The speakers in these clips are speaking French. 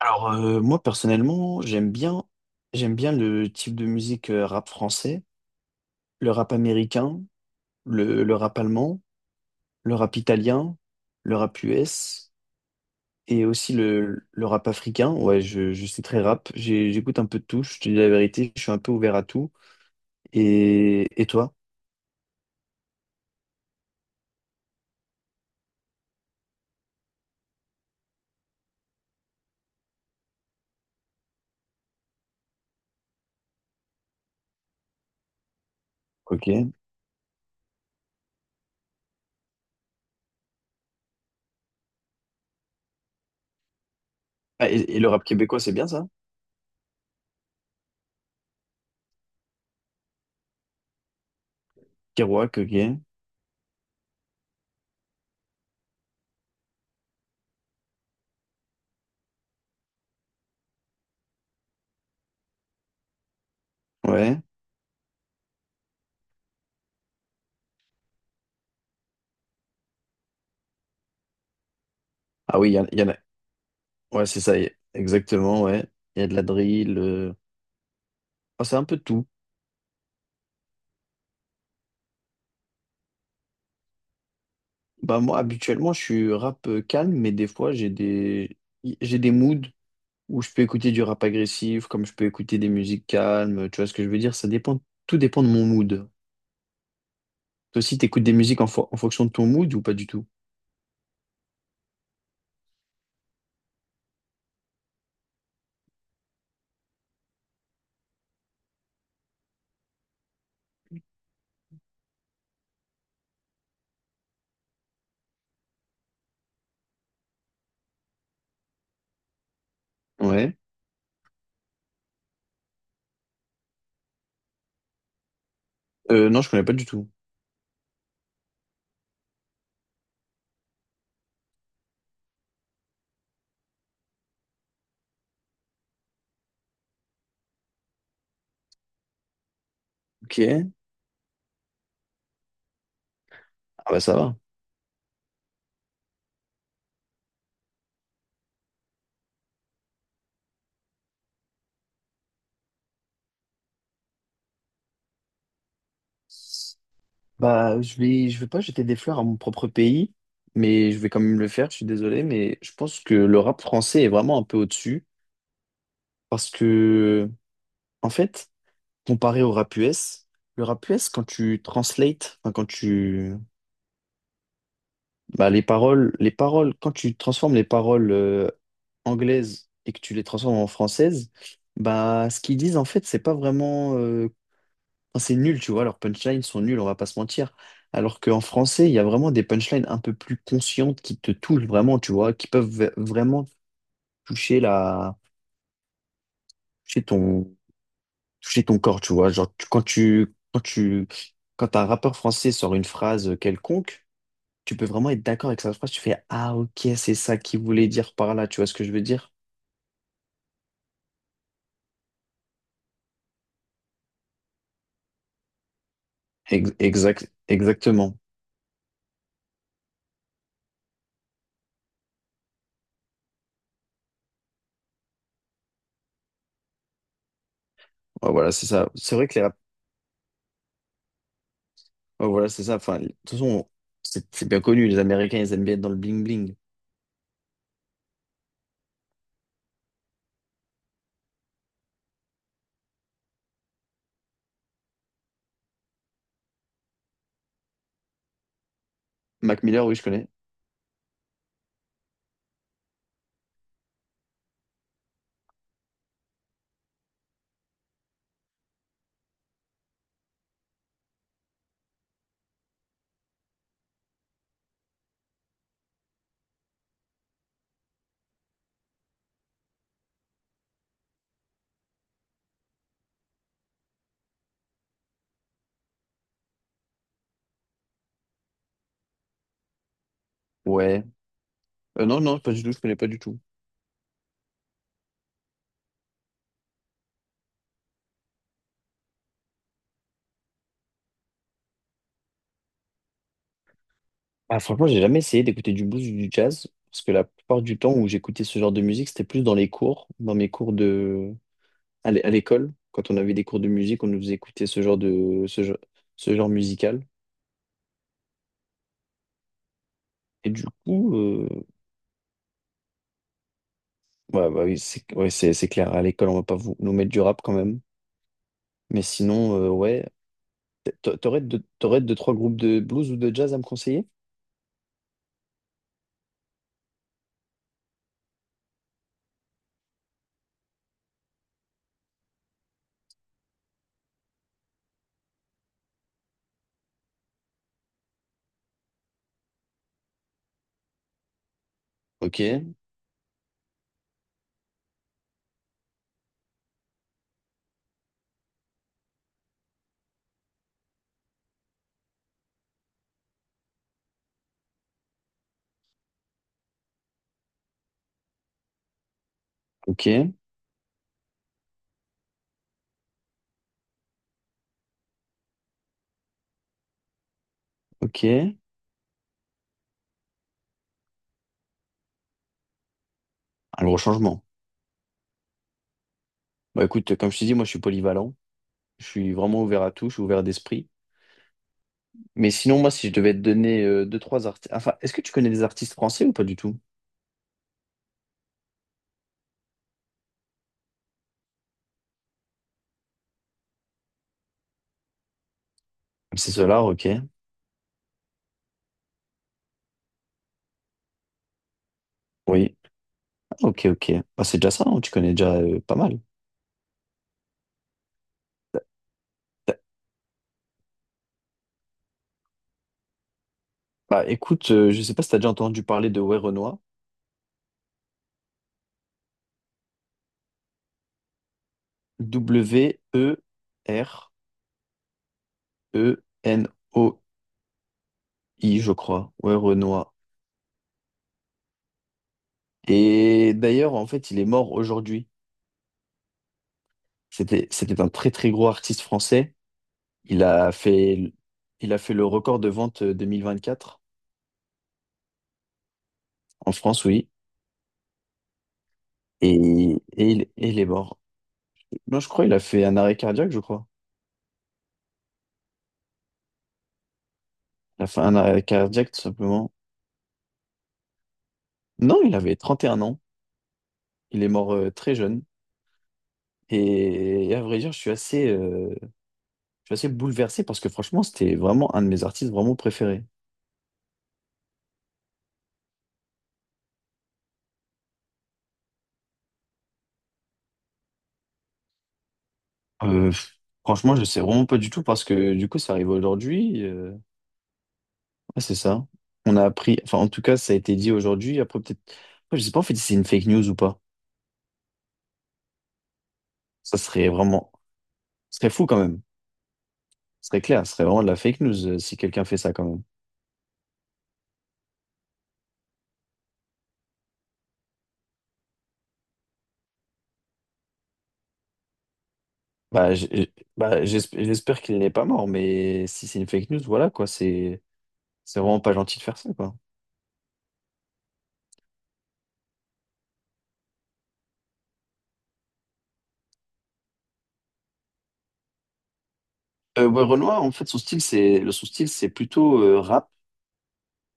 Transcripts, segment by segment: Alors moi personnellement, j'aime bien le type de musique rap français, le rap américain, le rap allemand, le rap italien, le rap US et aussi le rap africain. Ouais, je suis très rap. J'écoute un peu de tout, je te dis la vérité, je suis un peu ouvert à tout. Et toi? Ok. Ah, et le rap québécois, c'est bien ça? Kerouac, ok. Ouais. Ah oui, il y en a. Ouais, c'est ça, exactement, ouais. Il y a de la drill, ah, c'est un peu de tout. Bah moi, habituellement, je suis rap calme, mais des fois, j'ai des moods où je peux écouter du rap agressif, comme je peux écouter des musiques calmes, tu vois ce que je veux dire? Ça dépend, tout dépend de mon mood. Toi aussi, t'écoutes des musiques en fonction de ton mood ou pas du tout? Ouais. Non, je connais pas du tout. Ok. Ah bah ça va. Bah, je vais pas jeter des fleurs à mon propre pays, mais je vais quand même le faire, je suis désolé, mais je pense que le rap français est vraiment un peu au-dessus. Parce que, en fait, comparé au rap US, le rap US, quand tu translates, enfin, quand tu, bah, les paroles, quand tu transformes les paroles anglaises et que tu les transformes en françaises, bah, ce qu'ils disent, en fait, c'est pas vraiment, enfin, c'est nul, tu vois, leurs punchlines sont nuls, on va pas se mentir. Alors qu'en français, il y a vraiment des punchlines un peu plus conscientes qui te touchent vraiment, tu vois, qui peuvent vraiment toucher la, toucher ton, toucher ton corps, tu vois. Genre, quand un rappeur français sort une phrase quelconque, tu peux vraiment être d'accord avec sa phrase. Tu fais, ah, ok, c'est ça qu'il voulait dire par là. Tu vois ce que je veux dire? Exact, exactement. Ouais, voilà, c'est ça. C'est vrai que les rap- ouais, voilà, c'est ça. Enfin, de toute façon, c'est bien connu. Les Américains, ils aiment bien être dans le bling-bling. Mac Miller, oui, je connais. Ouais. Non, non, pas du tout. Je connais pas du tout. Ah, franchement, j'ai jamais essayé d'écouter du blues ou du jazz, parce que la plupart du temps où j'écoutais ce genre de musique, c'était plus dans les cours, dans mes cours de, à l'école, quand on avait des cours de musique, on nous faisait écouter ce genre musical. Et du coup, ouais, bah oui, c'est ouais, c'est clair. À l'école, on va pas vous, nous mettre du rap quand même. Mais sinon, t'aurais deux, trois groupes de blues ou de jazz à me conseiller? Ok, ok, ok. Un gros changement. Bah écoute, comme je t'ai dit, moi je suis polyvalent. Je suis vraiment ouvert à tout, je suis ouvert d'esprit. Mais sinon, moi, si je devais te donner deux, trois artistes. Enfin, est-ce que tu connais des artistes français ou pas du tout? C'est cela. Ok. Oui. Ok, ok. Bah, c'est déjà ça, hein, tu connais déjà pas mal. T'as- Bah écoute, je sais pas si t'as déjà entendu parler de Werenoi. W-E-R-E-N-O-I, je crois. Werenoi. Et d'ailleurs, en fait, il est mort aujourd'hui. C'était un très très gros artiste français. Il a fait, il a fait le record de vente 2024 en France, oui. Et, et il est mort. Non, je crois il a fait un arrêt cardiaque, je crois. Il a fait un arrêt cardiaque, tout simplement. Non, il avait 31 ans. Il est mort très jeune. Et à vrai dire, je suis assez bouleversé parce que franchement, c'était vraiment un de mes artistes vraiment préférés. Euh, Franchement, je sais vraiment pas du tout parce que du coup, ça arrive aujourd'hui. Ouais, c'est ça. On a appris, enfin, en tout cas, ça a été dit aujourd'hui. Après, peut-être, après, je sais pas en fait si c'est une fake news ou pas. Ça serait vraiment, ce serait fou quand même. Ce serait clair, ce serait vraiment de la fake news si quelqu'un fait ça quand même. Bah, j'espère qu'il n'est pas mort, mais si c'est une fake news, voilà quoi, c'est vraiment pas gentil de faire ça quoi. Ouais, Renoir, en fait, son style, son style, c'est plutôt rap,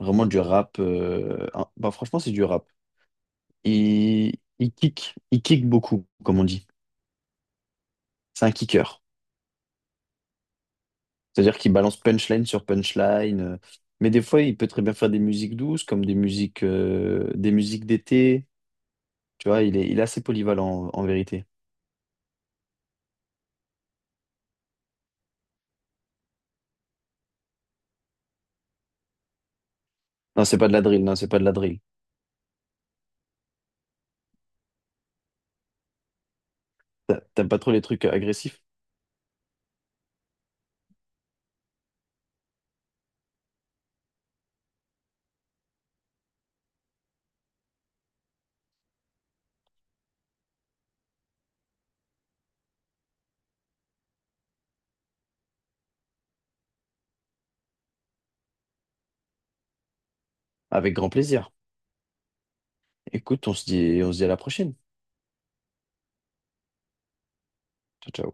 vraiment du rap. Hein. Bah, franchement, c'est du rap. Il kick beaucoup, comme on dit. C'est un kicker. C'est-à-dire qu'il balance punchline sur punchline. Mais des fois, il peut très bien faire des musiques douces, comme des musiques d'été. Tu vois, il est assez polyvalent en vérité. Non, c'est pas de la drill, non, c'est pas de la drill. T'aimes pas trop les trucs agressifs? Avec grand plaisir. Écoute, on se dit à la prochaine. Ciao, ciao.